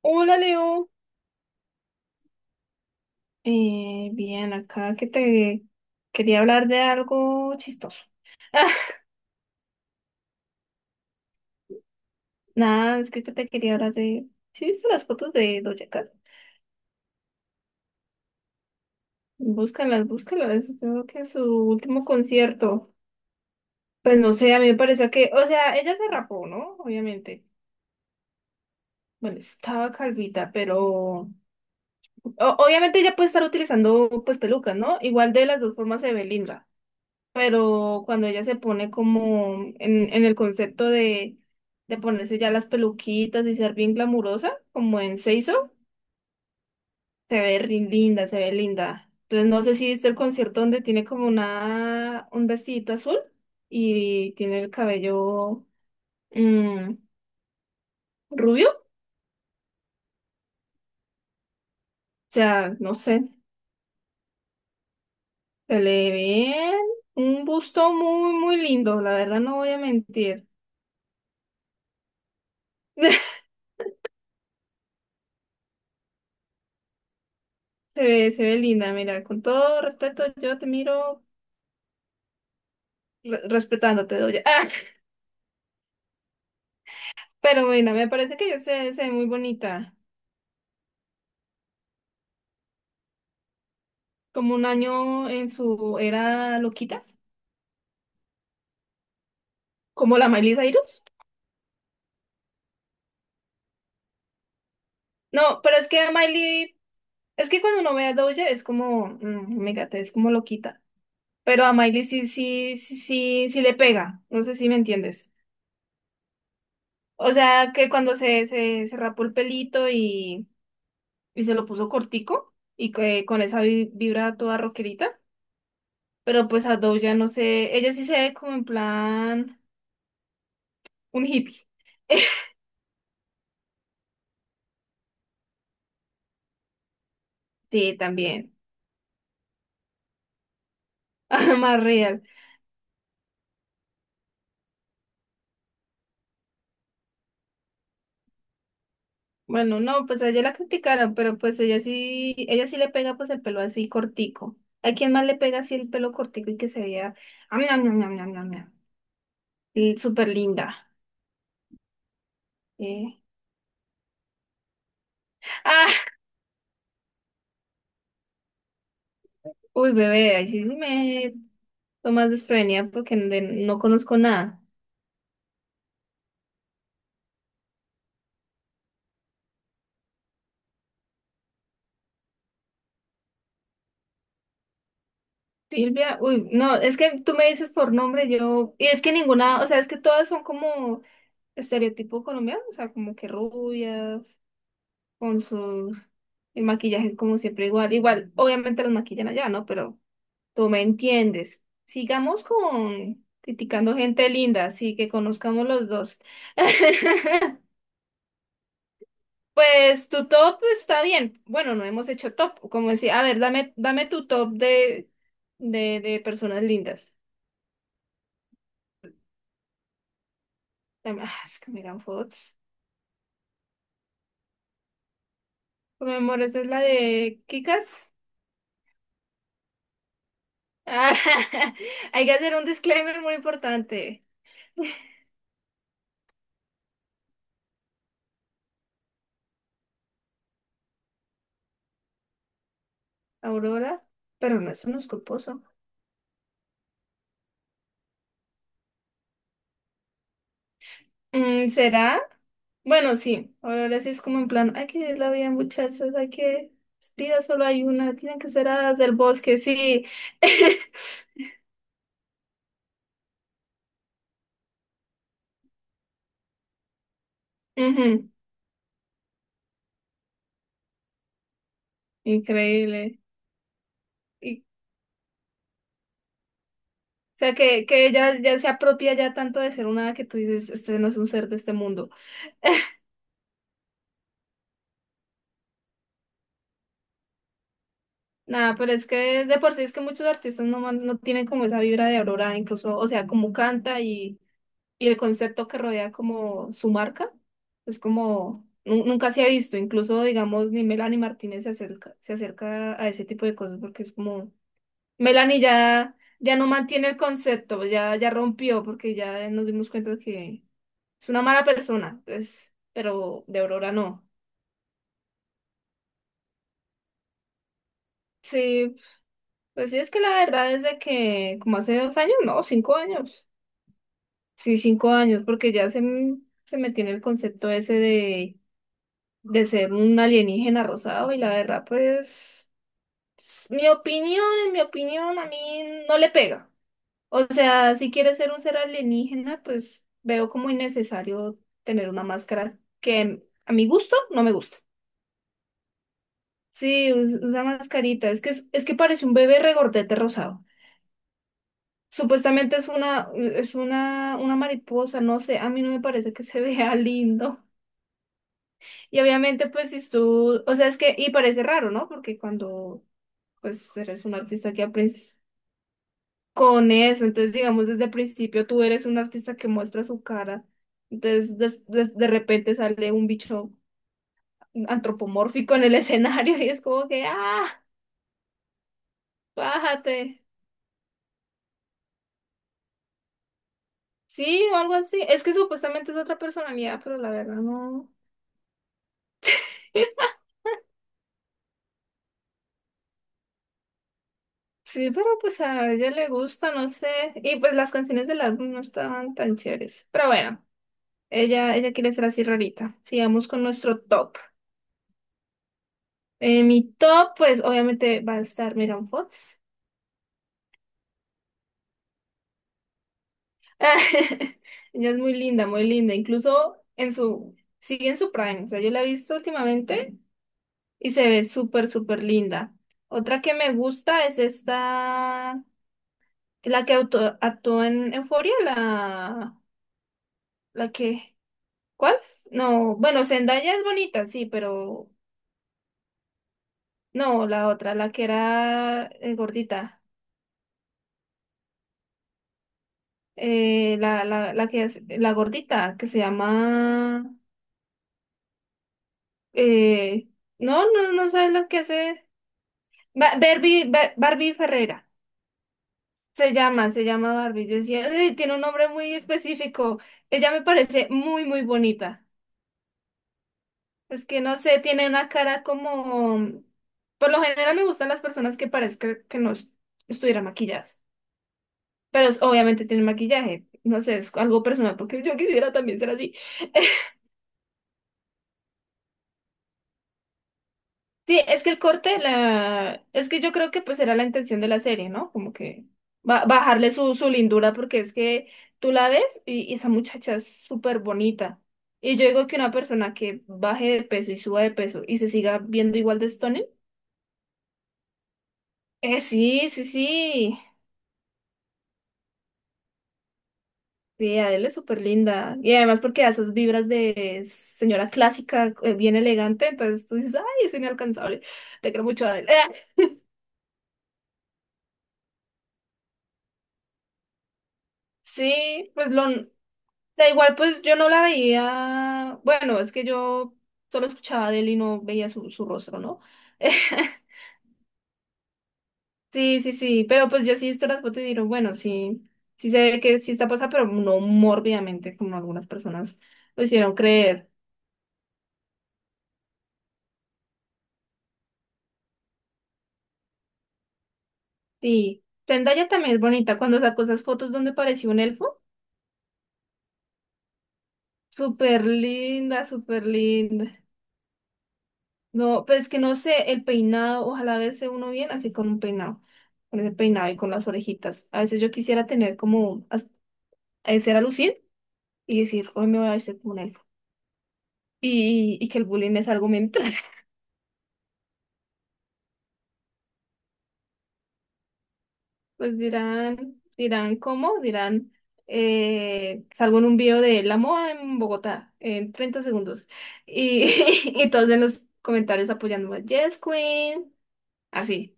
Hola, Leo. Bien, acá que te quería hablar de algo chistoso. Nada, es que te quería hablar de... ¿Sí viste las fotos de Doja Cat? Búscalas, búscalas. Creo que su último concierto. Pues no sé, a mí me parece que... O sea, ella se rapó, ¿no? Obviamente. Bueno, estaba calvita, pero... obviamente ella puede estar utilizando pues pelucas, ¿no? Igual de las dos formas se ve linda. Pero cuando ella se pone como en el concepto de, ponerse ya las peluquitas y ser bien glamurosa, como en Seiso, se ve linda, se ve linda. Entonces no sé si viste el concierto donde tiene como un vestidito azul y tiene el cabello mm, rubio, o sea, no sé, se le ve un busto muy, muy lindo, la verdad no voy a mentir. Se ve linda, mira, con todo respeto, yo te miro respetándote, oye. Ah, pero bueno, me parece que se ve muy bonita. Como un año en su era loquita, como la Miley Cyrus. No, pero es que a Miley, es que cuando uno ve a Doja es como, mégate, es como loquita. Pero a Miley sí, sí, sí, sí, sí le pega. No sé si me entiendes. O sea, que cuando se rapó el pelito y se lo puso cortico y que con esa vibra toda rockerita. Pero pues a Doja no sé, ella sí se ve como en plan un hippie. Sí, también. Más real. Bueno, no, pues a ella la criticaron, pero pues ella sí le pega pues el pelo así cortico. ¿A quién más le pega así el pelo cortico y que se vea? Ah, mira, mira, mira, mira, mira, mira. Y súper linda. eh. Ah, uy, bebé, ahí sí me tomas desprevenida porque no conozco nada. Silvia, uy, no, es que tú me dices por nombre, yo, y es que ninguna, o sea, es que todas son como estereotipo colombiano, o sea, como que rubias con sus... El maquillaje es como siempre igual. Igual, obviamente los maquillan allá, ¿no? Pero tú me entiendes. Sigamos con criticando gente linda, así que conozcamos los dos. Pues tu top está bien. Bueno, no hemos hecho top. Como decía, a ver, dame, dame tu top de, de personas lindas. Dame, es que Megan Fox. Por mi amor, esa es la de Kikas. Hay que hacer un disclaimer muy importante. Aurora, pero no, eso no es culposo. Mm, ¿será? Bueno, sí, Aurora sí es como en plan, hay que vivir la vida, muchachos, hay que, vida solo hay una, tienen que ser hadas del bosque, sí. Ujú, increíble. Y, o sea, que ella ya se apropia ya tanto de ser una hada que tú dices, este no es un ser de este mundo. Nada, pero es que de por sí es que muchos artistas no tienen como esa vibra de Aurora, incluso, o sea, como canta y el concepto que rodea como su marca es como nunca se ha visto, incluso digamos ni Melanie Martínez se acerca a ese tipo de cosas porque es como Melanie ya no mantiene el concepto, ya rompió porque ya nos dimos cuenta que es una mala persona, entonces, pero de Aurora no. Sí, pues sí es que la verdad es de que como hace 2 años, no, 5 años. Sí, 5 años, porque ya se me tiene el concepto ese de ser un alienígena rosado y la verdad, pues, en mi opinión, a mí no le pega. O sea, si quieres ser un ser alienígena, pues veo como innecesario tener una máscara que a mi gusto no me gusta. Sí, usa mascarita. Es que parece un bebé regordete rosado. Supuestamente una mariposa, no sé, a mí no me parece que se vea lindo. Y obviamente, pues, si tú, o sea, es que, y parece raro, ¿no? Porque cuando pues eres un artista que aprecia con eso. Entonces, digamos, desde el principio tú eres un artista que muestra su cara. Entonces, de repente sale un bicho antropomórfico en el escenario y es como que, ah, bájate. Sí, o algo así. Es que supuestamente es otra personalidad, pero la verdad no. Sí, pero pues a ella le gusta, no sé. Y pues las canciones del álbum no estaban tan chéveres. Pero bueno, ella quiere ser así rarita. Sigamos con nuestro top. Mi top, pues obviamente va a estar Megan Fox. Ella es muy linda, muy linda. Incluso sigue en su prime. O sea, yo la he visto últimamente y se ve súper, súper linda. Otra que me gusta es esta, la que actuó en Euphoria, la, que, ¿cuál? No, bueno, Zendaya es bonita, sí, pero no, la otra, la que era gordita. La, la que es, la gordita, que se llama. Eh, no, no, no sabes lo que hace. Barbie, Barbie Ferreira. Se llama Barbie. Yo decía, "Ay, tiene un nombre muy específico." Ella me parece muy, muy bonita. Es que no sé, tiene una cara como... Por lo general me gustan las personas que parezcan que no estuvieran maquilladas. Pero obviamente tiene maquillaje. No sé, es algo personal porque yo quisiera también ser así. Sí, es que el corte, la... es que yo creo que pues era la intención de la serie, ¿no? Como que bajarle su lindura porque es que tú la ves y esa muchacha es súper bonita. Y yo digo que una persona que baje de peso y suba de peso y se siga viendo igual de stunning, sí, sí, sí. Sí, Adele es súper linda. Y además porque da esas vibras de señora clásica, bien elegante, entonces tú dices, ay, es inalcanzable. Te creo mucho, Adele. Sí, da igual, pues yo no la veía, bueno, es que yo solo escuchaba de él y no veía su rostro, ¿no? Sí, sí, sí, pero pues yo sí he visto las fotos y digo, bueno, sí, sí se ve que sí está pasada, pero no mórbidamente como algunas personas lo hicieron creer. Sí, Zendaya también es bonita cuando sacó esas fotos donde parecía un elfo, súper linda, súper linda. No, pues que no sé, el peinado, ojalá verse uno bien así con un peinado, con ese peinado y con las orejitas. A veces yo quisiera tener como, hacer a lucir y decir, hoy me voy a vestir como un elfo. Y que el bullying es algo mental. Pues dirán, dirán cómo, dirán, salgo en un video de la moda en Bogotá en 30 segundos. Y, y todos en los comentarios apoyándome, Yes, Queen, así.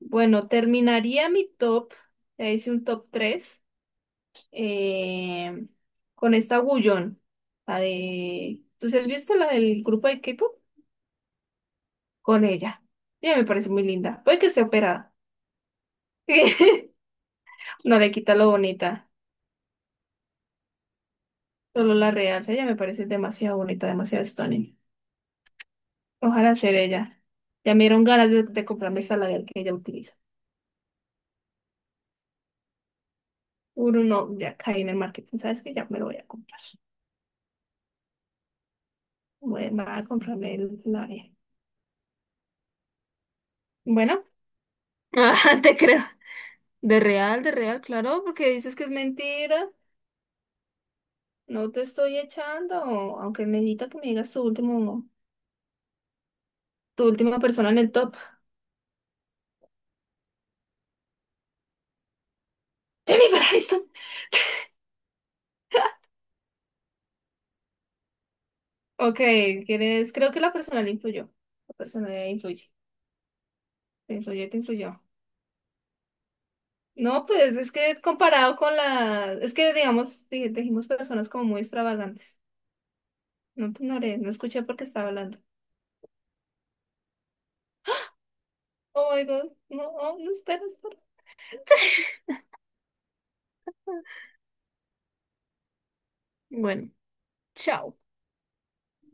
Bueno, terminaría mi top, ya hice un top 3 eh, con esta Wooyeon, la de... ¿Tú sí has visto la del grupo de K-pop? Con ella. Ella me parece muy linda. Puede que esté operada. No le quita lo bonita, solo la realza. Ella me parece demasiado bonita, demasiado stunning. Ojalá ser ella. Ya me dieron ganas de, comprarme esta labial que ella utiliza. Uno no, ya caí en el marketing, ¿sabes que ya me lo voy a comprar? Voy a comprarme el labial. Bueno, ah, te creo. De real, claro, porque dices que es mentira. No te estoy echando, aunque necesito que me digas tu última persona en el top. Jennifer Aniston. Ok, ¿quieres? Creo que la personalidad influyó. La personalidad influye. Te influyó, te influyó. No, pues es que comparado es que digamos, dijimos personas como muy extravagantes. No te ignoré, no escuché porque estaba hablando. Oh my God, no, oh, no esperas. Bueno, chao.